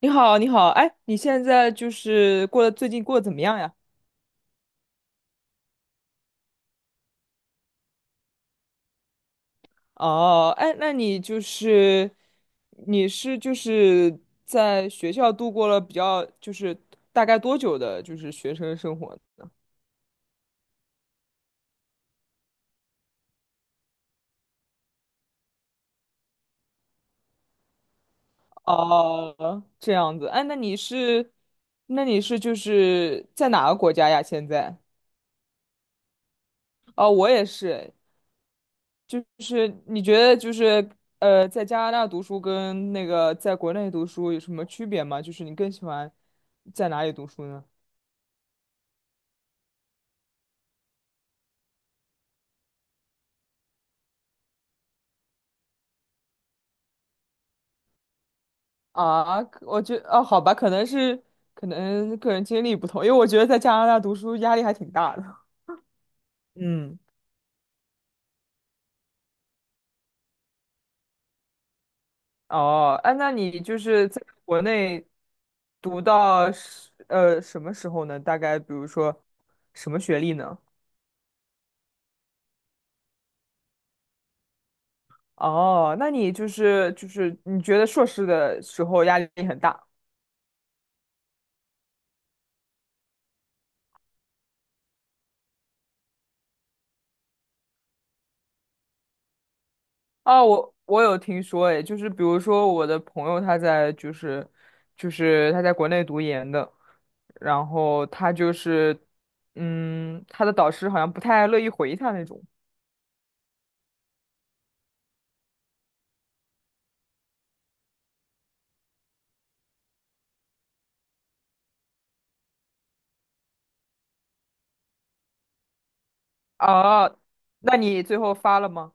你好，你好，哎，你现在就是过得最近过得怎么样呀？哦，哎，那你是就是在学校度过了比较大概多久的，就是学生生活呢？哦，这样子，哎，那你是就是在哪个国家呀？现在？哦，我也是，就是你觉得在加拿大读书跟那个在国内读书有什么区别吗？就是你更喜欢在哪里读书呢？啊，可我觉哦，好吧，可能个人经历不同，因为我觉得在加拿大读书压力还挺大的。嗯，哦，哎，那你就是在国内读到什么时候呢？大概比如说什么学历呢？哦，那你就是你觉得硕士的时候压力很大？啊，我有听说，哎，就是比如说我的朋友他在就是就是他在国内读研的，然后他就是嗯，他的导师好像不太乐意回他那种。哦，那你最后发了吗？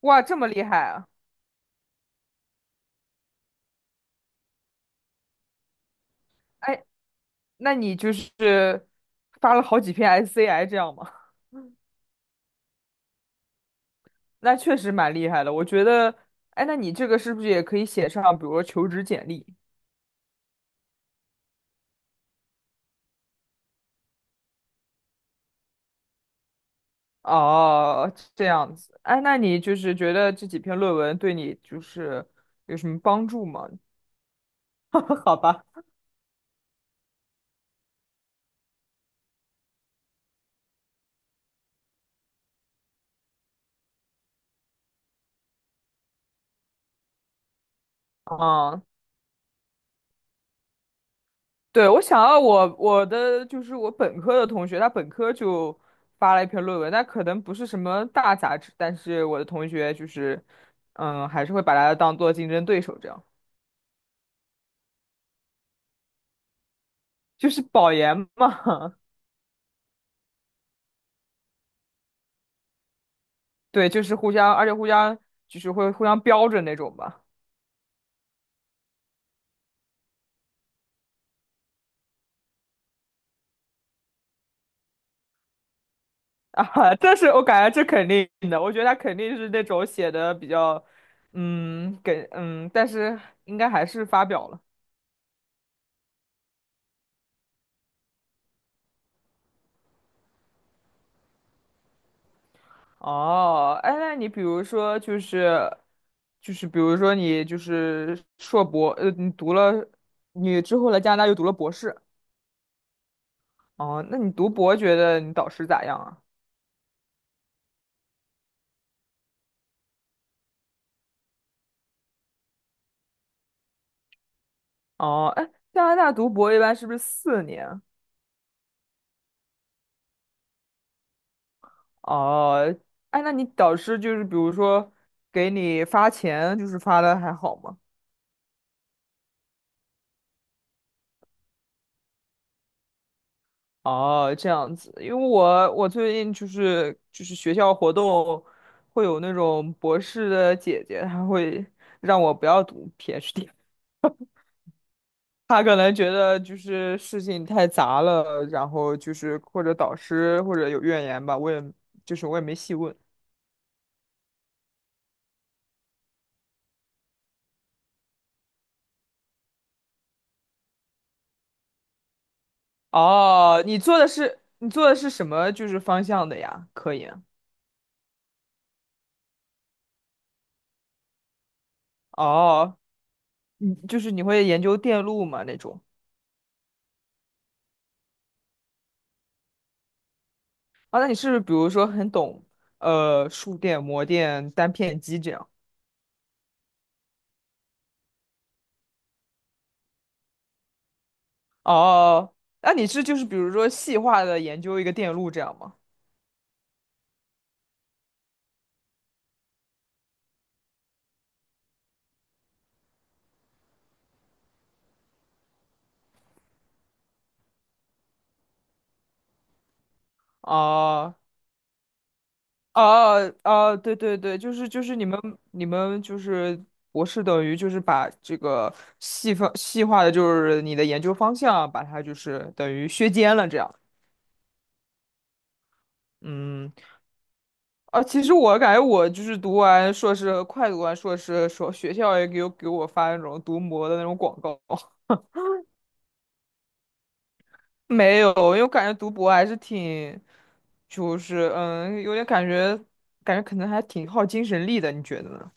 哇，这么厉害啊！哎，那你就是发了好几篇 SCI 这样吗？那确实蛮厉害的，我觉得。哎，那你这个是不是也可以写上，比如说求职简历？哦，这样子。哎，那你就是觉得这几篇论文对你就是有什么帮助吗？好吧，嗯，对，我的就是我本科的同学，他本科就发了一篇论文，但可能不是什么大杂志，但是我的同学就是，嗯，还是会把它当做竞争对手，这样就是保研嘛，对，就是互相，而且互相就是会互相标着那种吧。啊，但是我感觉这肯定的，我觉得他肯定是那种写的比较，但是应该还是发表了。哦，哎，那你比如说比如说你就是硕博，你读了，你之后来加拿大又读了博士，哦，那你读博觉得你导师咋样啊？哦，哎，加拿大读博一般是不是4年？哦，哎，那你导师就是比如说给你发钱，就是发的还好吗？哦，这样子，因为我最近就是学校活动会有那种博士的姐姐，她会让我不要读 PhD，她可能觉得就是事情太杂了，然后就是或者导师或者有怨言吧，我也没细问。哦，你做的是什么就是方向的呀？科研？哦，你就是你会研究电路吗那种？啊，那你是不是比如说很懂数电、模电、单片机这样？哦哦哦，那你是就是比如说细化的研究一个电路这样吗？哦哦哦，哦对对对，就是你们就是博士等于就是把这个细分细化的就是你的研究方向，把它就是等于削尖了这样。嗯，啊，其实我感觉我就是读完硕士，快读完硕士的时候，学校也给我发那种读模的那种广告。没有，因为我感觉读博还是挺，有点感觉，感觉可能还挺耗精神力的，你觉得呢？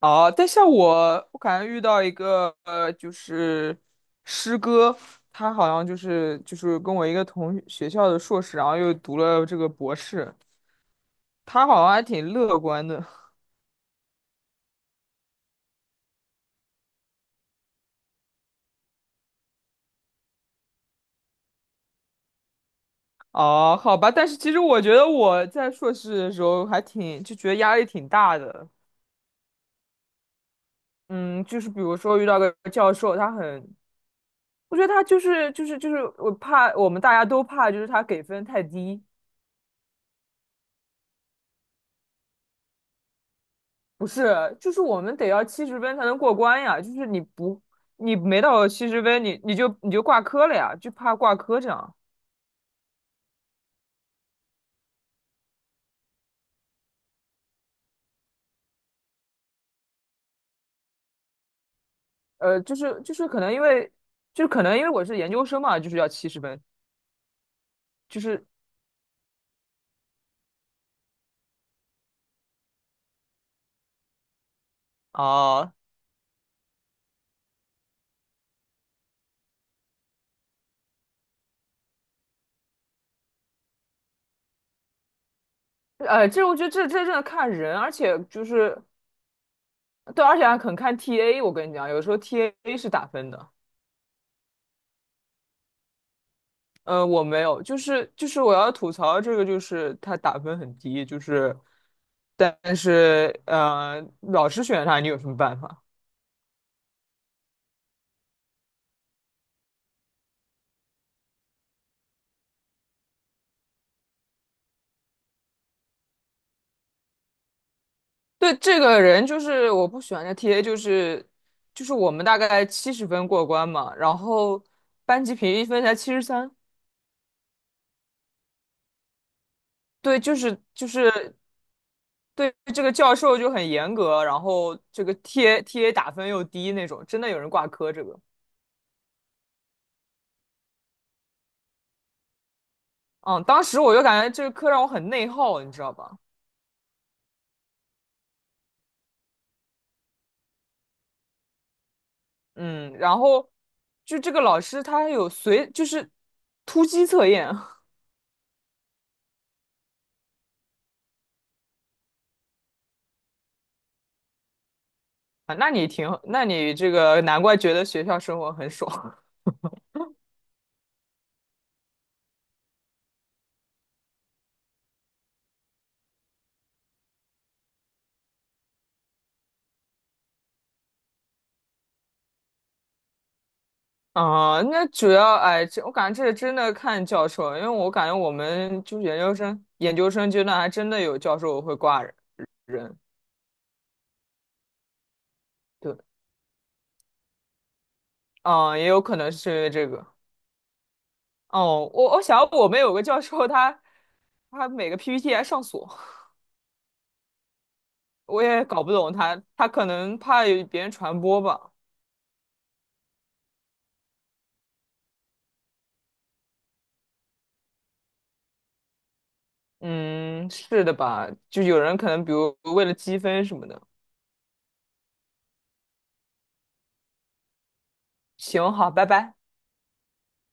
哦，但像我，我感觉遇到一个就是师哥，他好像就是跟我一个同学校的硕士，然后又读了这个博士，他好像还挺乐观的。哦，好吧，但是其实我觉得我在硕士的时候还挺，就觉得压力挺大的。嗯，就是比如说遇到个教授，我觉得他我怕我们大家都怕，就是他给分太低，不是，就是我们得要七十分才能过关呀，就是你没到七十分，你就挂科了呀，就怕挂科这样。就是可能因为我是研究生嘛，就是要七十分，就是啊，这我觉得这真的看人，而且就是对，而且还很看 TA，我跟你讲，有时候 TA 是打分的。我没有，就是我要吐槽这个，就是他打分很低，就是，但是老师选他，你有什么办法？对这个人，就是我不喜欢的 TA，就是我们大概七十分过关嘛，然后班级平均分才73，对，就是对这个教授就很严格，然后这个 TA 打分又低那种，真的有人挂科这个，嗯，当时我就感觉这个课让我很内耗，你知道吧？嗯，然后就这个老师他有随就是突击测验 啊，那你这个难怪觉得学校生活很爽 啊。那主要哎，这我感觉这真的看教授，因为我感觉我们就是研究生阶段还真的有教授会挂人，对，嗯，也有可能是因为这个。哦，我想我们有个教授他每个 PPT 还上锁，我也搞不懂他，他可能怕有别人传播吧。嗯，是的吧？就有人可能比如为了积分什么的。行，好，拜拜。